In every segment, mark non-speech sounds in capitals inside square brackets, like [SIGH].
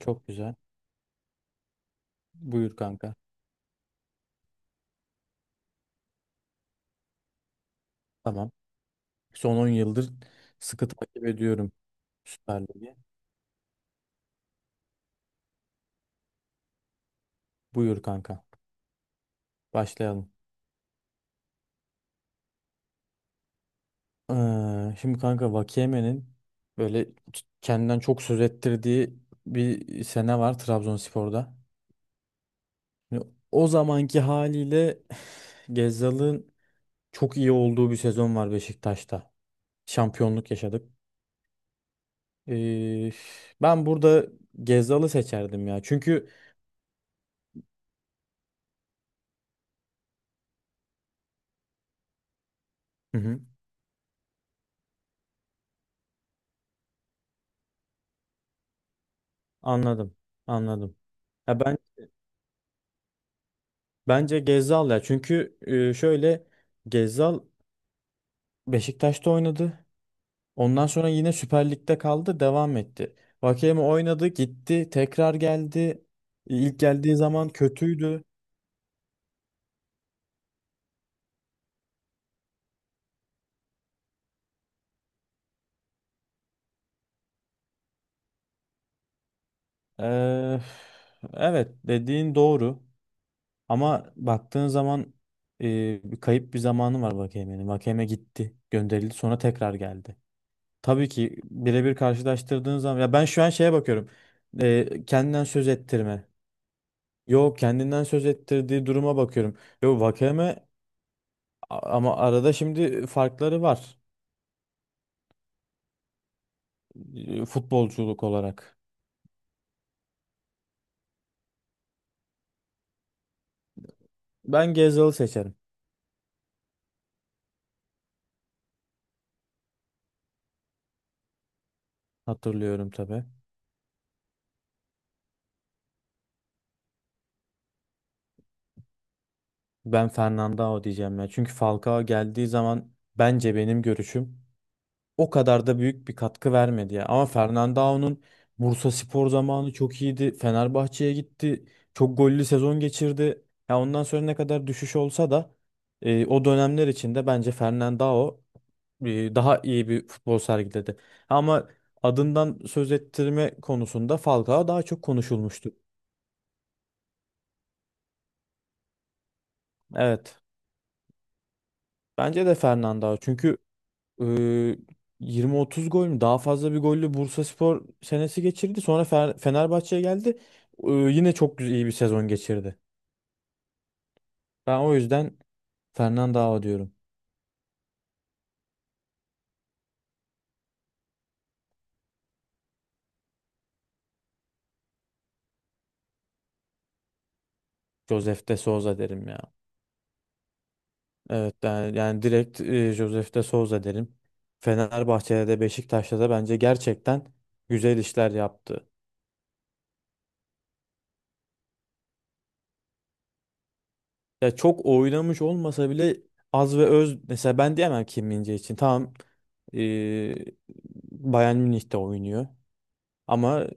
Çok güzel. Buyur kanka. Tamam. Son 10 yıldır sıkı takip ediyorum Süper Lig'i. Buyur kanka. Başlayalım. Şimdi kanka Vakiyeme'nin böyle kendinden çok söz ettirdiği bir sene var Trabzonspor'da. Şimdi o zamanki haliyle [SIGHS] Gezzal'ın çok iyi olduğu bir sezon var Beşiktaş'ta. Şampiyonluk yaşadık. Ee, [SIGHS] ben burada Gezzal'ı seçerdim ya. Çünkü. Hı hı, anladım. Anladım. Ya ben. Bence Gezzal ya. Çünkü şöyle Gezzal Beşiktaş'ta oynadı. Ondan sonra yine Süper Lig'de kaldı, devam etti. Vakeme oynadı, gitti, tekrar geldi. İlk geldiği zaman kötüydü. Ee, evet, dediğin doğru. Ama baktığın zaman e, bir kayıp bir zamanı var Vakeme'nin. Vakeme gitti, gönderildi, sonra tekrar geldi. Tabii ki birebir karşılaştırdığın zaman ya ben şu an şeye bakıyorum. Kendinden söz ettirme. Yo, kendinden söz ettirdiği duruma bakıyorum. Yo Vakeme ama arada şimdi farkları var futbolculuk olarak. Ben Gezal'ı seçerim. Hatırlıyorum tabii. Ben Fernandao diyeceğim ya. Çünkü Falcao geldiği zaman bence benim görüşüm o kadar da büyük bir katkı vermedi ya. Ama Fernandao'nun Bursaspor zamanı çok iyiydi. Fenerbahçe'ye gitti. Çok gollü sezon geçirdi. Ya ondan sonra ne kadar düşüş olsa da o dönemler içinde bence Fernandao daha iyi bir futbol sergiledi. Ama adından söz ettirme konusunda Falcao daha çok konuşulmuştu. Evet. Bence de Fernandao. Çünkü Ee, 20-30 gol mü? Daha fazla bir gollü Bursaspor senesi geçirdi. Sonra Fenerbahçe'ye geldi. Yine çok güzel, iyi bir sezon geçirdi. Ben o yüzden Fernandao diyorum. Josef de Souza derim ya. Evet yani, yani direkt Josef de Souza derim. Fenerbahçe'de de Beşiktaş'ta da bence gerçekten güzel işler yaptı. Ya çok oynamış olmasa bile az ve öz, mesela ben diyemem Kim min için. Tamam. E, Bayern Münih'te oynuyor. Ama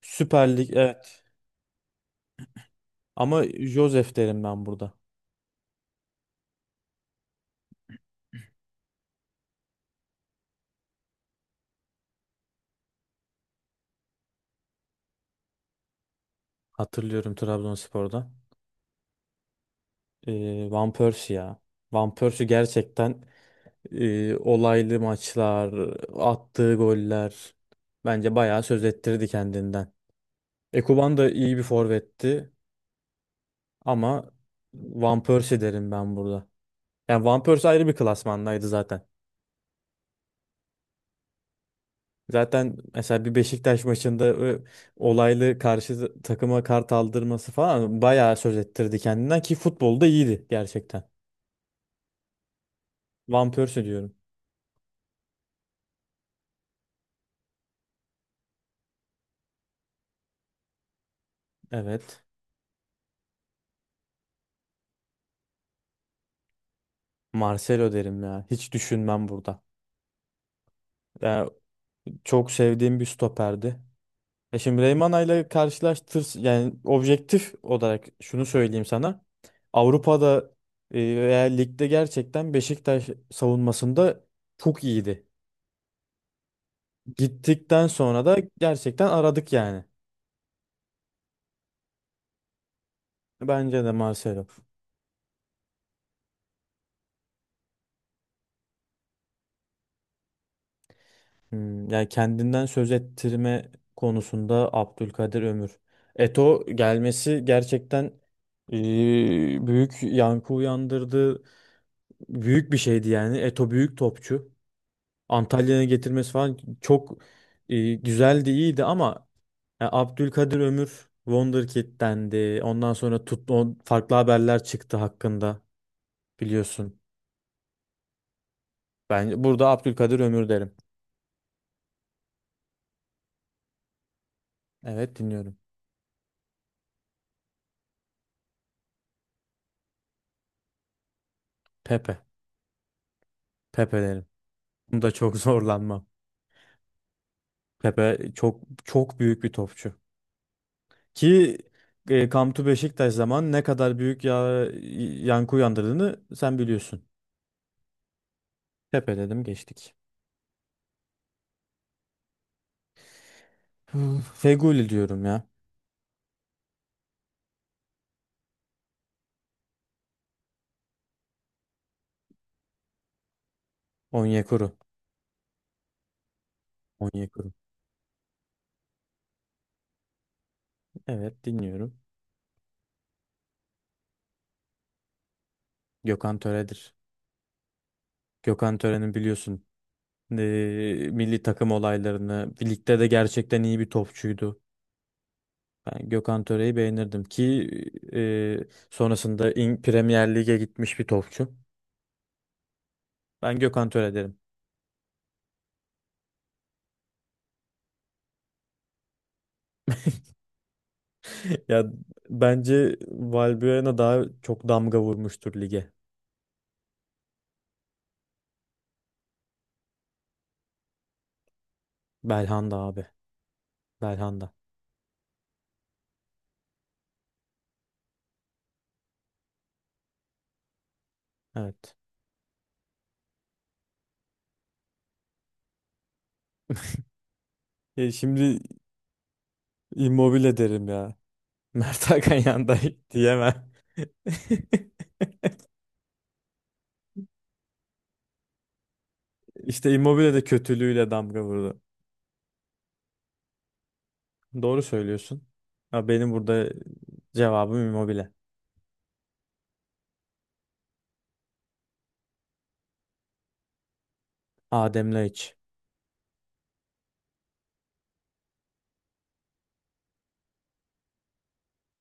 Süper Lig, evet. Ama Josef derim ben burada. Hatırlıyorum Trabzonspor'da. Van Persie ya. Van Persie gerçekten olaylı maçlar, attığı goller, bence bayağı söz ettirdi kendinden. Ekuban da iyi bir forvetti ama Van Persie derim ben burada. Yani Van Persie ayrı bir klasmandaydı zaten. Zaten mesela bir Beşiktaş maçında olaylı karşı takıma kart aldırması falan bayağı söz ettirdi kendinden ki futbolda iyiydi gerçekten. Van Persie diyorum. Evet. Marcelo derim ya. Hiç düşünmem burada. Yani çok sevdiğim bir stoperdi. Şimdi Reymana ile karşılaştır, yani objektif olarak şunu söyleyeyim sana. Avrupa'da veya ligde gerçekten Beşiktaş savunmasında çok iyiydi. Gittikten sonra da gerçekten aradık yani. Bence de Marcelo. Yani kendinden söz ettirme konusunda Abdülkadir Ömür. Eto gelmesi gerçekten büyük yankı uyandırdı. Büyük bir şeydi yani. Eto büyük topçu. Antalya'ya getirmesi falan çok güzeldi, iyiydi ama ya Abdülkadir Ömür Wonderkid'dendi. Ondan sonra tut, farklı haberler çıktı hakkında, biliyorsun. Ben burada Abdülkadir Ömür derim. Evet, dinliyorum. Pepe. Pepe derim. Bunda çok [LAUGHS] zorlanmam. Pepe çok çok büyük bir topçu. Ki Come to Beşiktaş zaman ne kadar büyük ya, yankı uyandırdığını sen biliyorsun. Pepe dedim, geçtik. Hmm. Feguli diyorum ya. Onyekuru. Onyekuru. Evet, dinliyorum. Gökhan Töre'dir. Gökhan Töre'nin biliyorsun milli takım olaylarını, ligde de gerçekten iyi bir topçuydu. Ben Gökhan Töre'yi beğenirdim ki e, sonrasında Premier Lig'e gitmiş bir topçu. Ben Gökhan Töre derim. [LAUGHS] Ya bence Valbuena daha çok damga vurmuştur lige. Belhanda abi. Belhanda. Evet. Şimdi Immobile derim ya. [LAUGHS] Mert Hakan yanında [LAUGHS] diyemem. [LAUGHS] İşte Immobile de kötülüğüyle damga vurdu. Doğru söylüyorsun. Ya benim burada cevabım Immobile. Adem Laiç.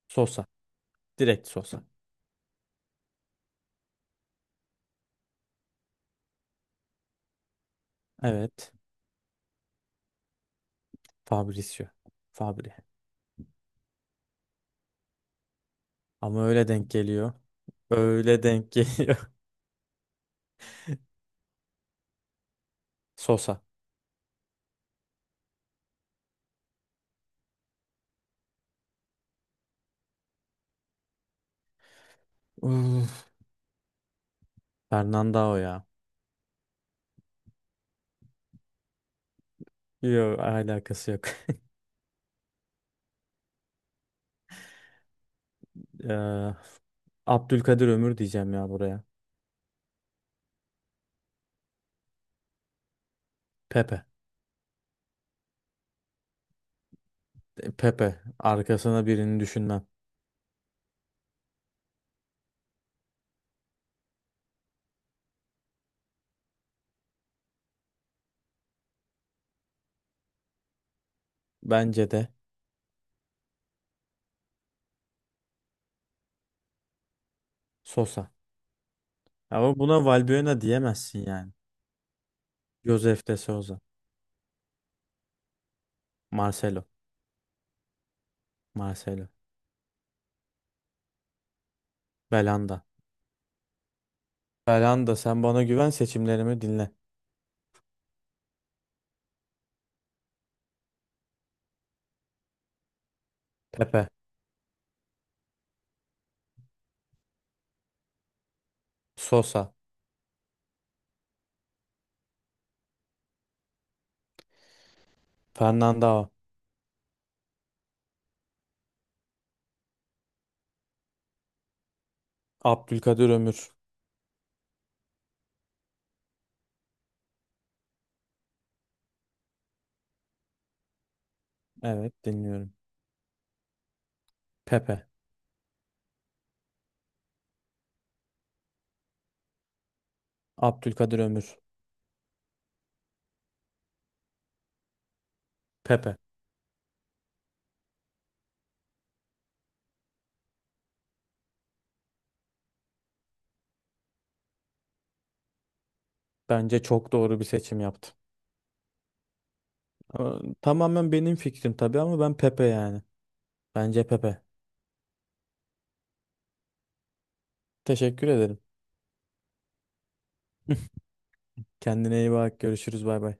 Sosa. Direkt Sosa. Evet. Fabrizio. Fabri. Ama öyle denk geliyor. Öyle denk geliyor. [LAUGHS] Sosa. Uf, Fernandao ya. Yok, alakası yok. [LAUGHS] Eee, Abdülkadir Ömür diyeceğim ya buraya. Pepe. Pepe. Arkasına birini düşünmem. Bence de Sosa. Ama buna Valbuena diyemezsin yani. Josef de Souza. Marcelo. Marcelo. Belanda. Belanda, sen bana güven, seçimlerimi dinle. Pepe. Sosa. Fernandao. Abdülkadir Ömür. Evet, dinliyorum. Pepe. Abdülkadir Ömür. Pepe. Bence çok doğru bir seçim yaptım. Ama tamamen benim fikrim tabii, ama ben Pepe yani. Bence Pepe. Teşekkür ederim. [LAUGHS] Kendine iyi bak. Görüşürüz. Bay bay.